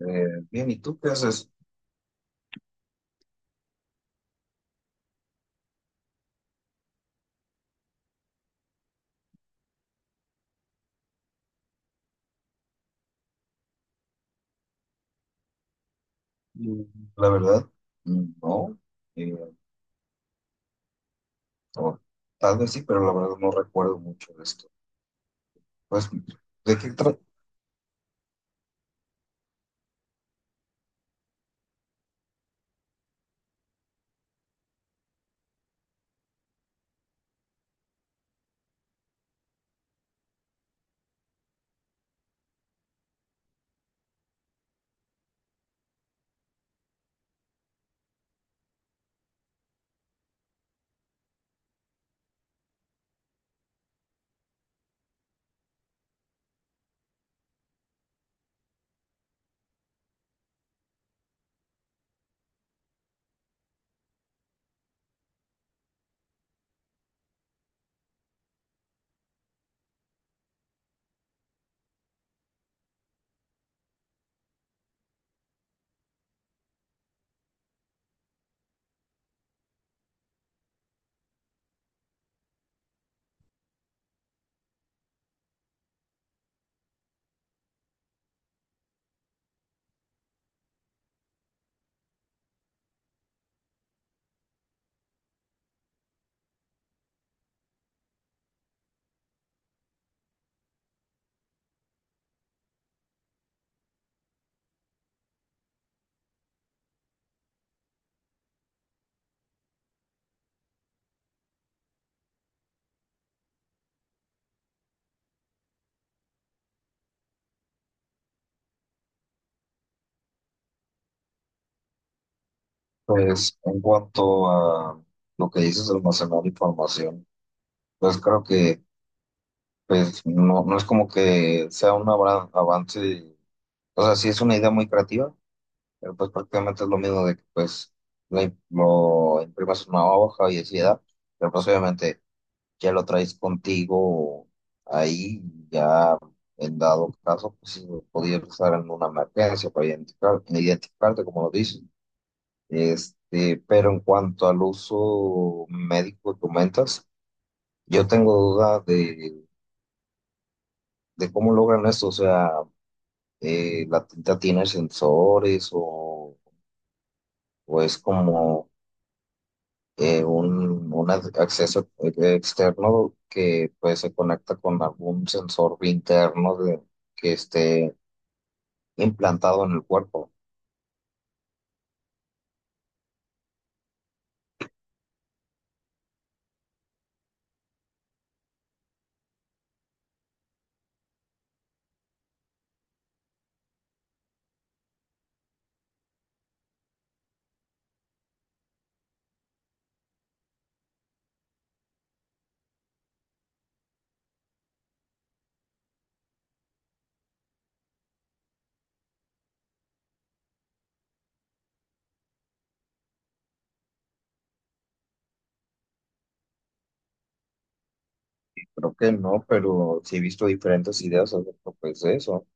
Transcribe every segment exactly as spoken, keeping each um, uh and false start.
Eh, bien, ¿y tú qué haces? Mm, La verdad, mm, no. eh, o tal vez sí, pero la verdad no recuerdo mucho de esto. Pues, ¿de qué trata? Pues, en cuanto a lo que dices de almacenar información, pues creo que pues, no, no es como que sea un abra- avance. O sea, sí es una idea muy creativa, pero pues prácticamente es lo mismo de que pues la im- lo imprimas en una hoja y así, ¿verdad? Pero pues obviamente ya lo traes contigo ahí, ya en dado caso, pues sí, podría estar en una emergencia para identificar, identificarte, como lo dicen. Este, pero en cuanto al uso médico que comentas, yo tengo duda de, de cómo logran esto, o sea, eh, la tinta tiene sensores o, o es como eh, un, un ac- acceso eh, externo que pues se conecta con algún sensor interno de- que esté implantado en el cuerpo. Creo que no, pero sí he visto diferentes ideas acerca pues, de eso.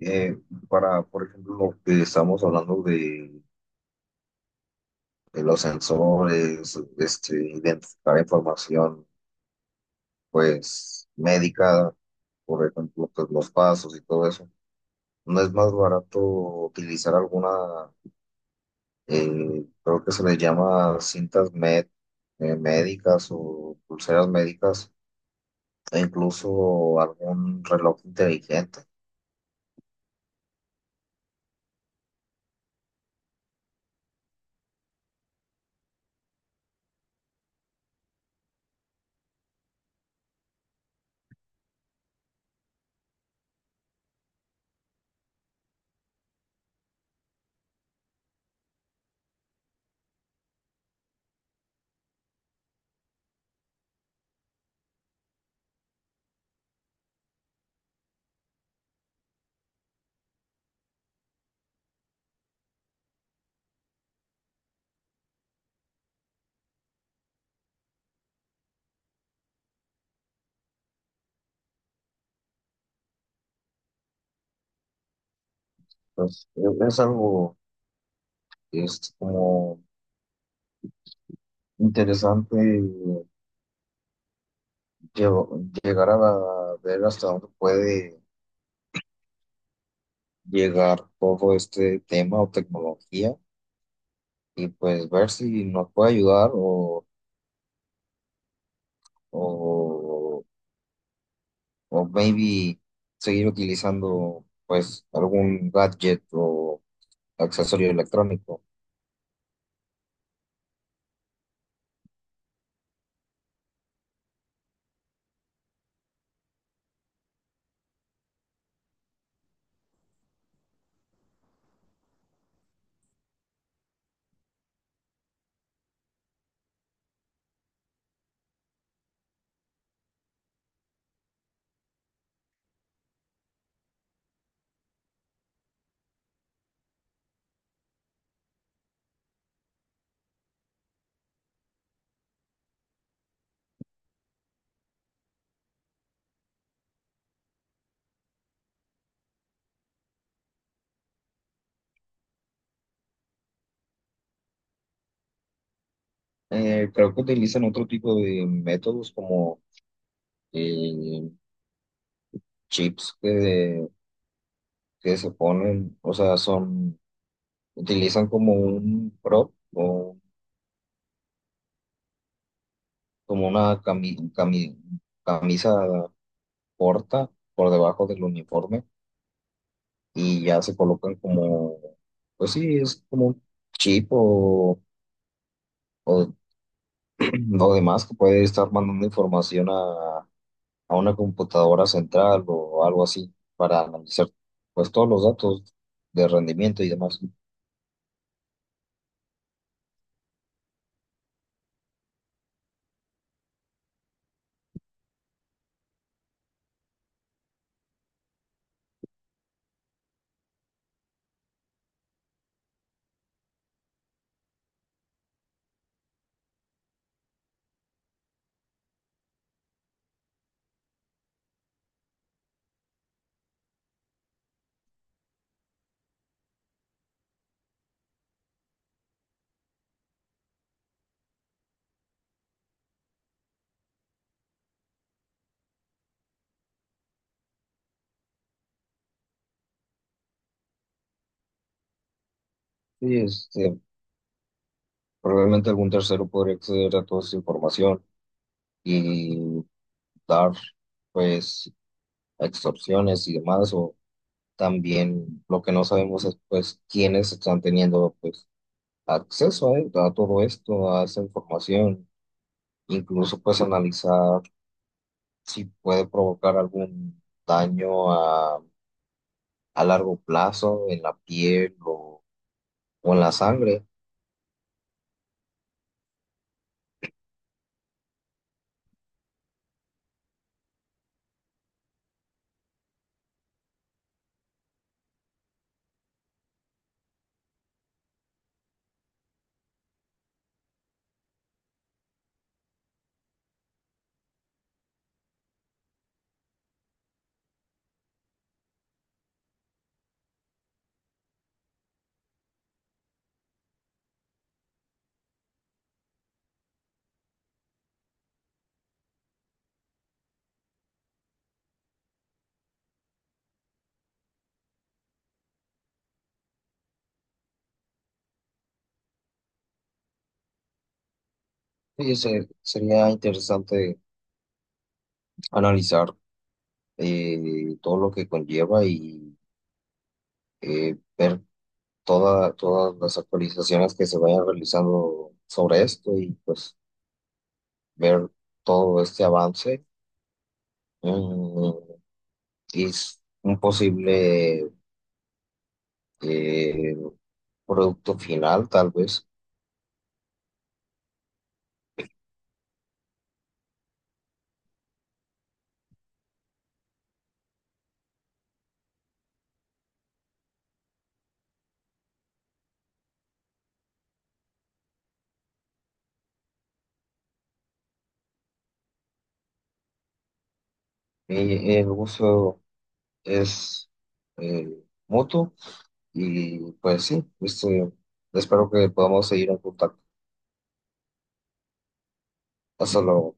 Eh, para, por ejemplo, lo que estamos hablando de, de los sensores, este, identificar información pues médica, por ejemplo, pues, los pasos y todo eso. ¿No es más barato utilizar alguna eh, creo que se les llama cintas med- eh, médicas o pulseras médicas, e incluso algún reloj inteligente. Pues e- es algo que es como interesante llevo- llegar a la- ver hasta dónde puede llegar todo este tema o tecnología y pues ver si nos puede ayudar o, o, o maybe seguir utilizando pues algún gadget o accesorio electrónico. Eh, creo que utilizan otro tipo de métodos como eh, chips que, que se ponen, o sea, son, utilizan como un prop o como una cami- cami- camisa corta por debajo del uniforme y ya se colocan como, pues sí, es como un chip o, o, o demás que puede estar mandando información a una computadora central o algo así para analizar pues todos los datos de rendimiento y demás. Sí. Este, probablemente algún tercero podría acceder a toda esa información y dar pues extorsiones y demás o también lo que no sabemos es pues quiénes están teniendo pues acceso a, a todo esto, a esa información, incluso pues analizar si puede provocar algún daño a largo plazo en la piel o, o en la sangre. Sí, se- sería interesante analizar eh, todo lo que conlleva y eh, ver toda- todas las actualizaciones que se vayan realizando sobre esto y pues ver todo este avance, mm, y s- un posible eh, producto final tal vez. Y el uso es eh, mutuo. Y pues sí, este, espero que podamos seguir en contacto. Hasta luego.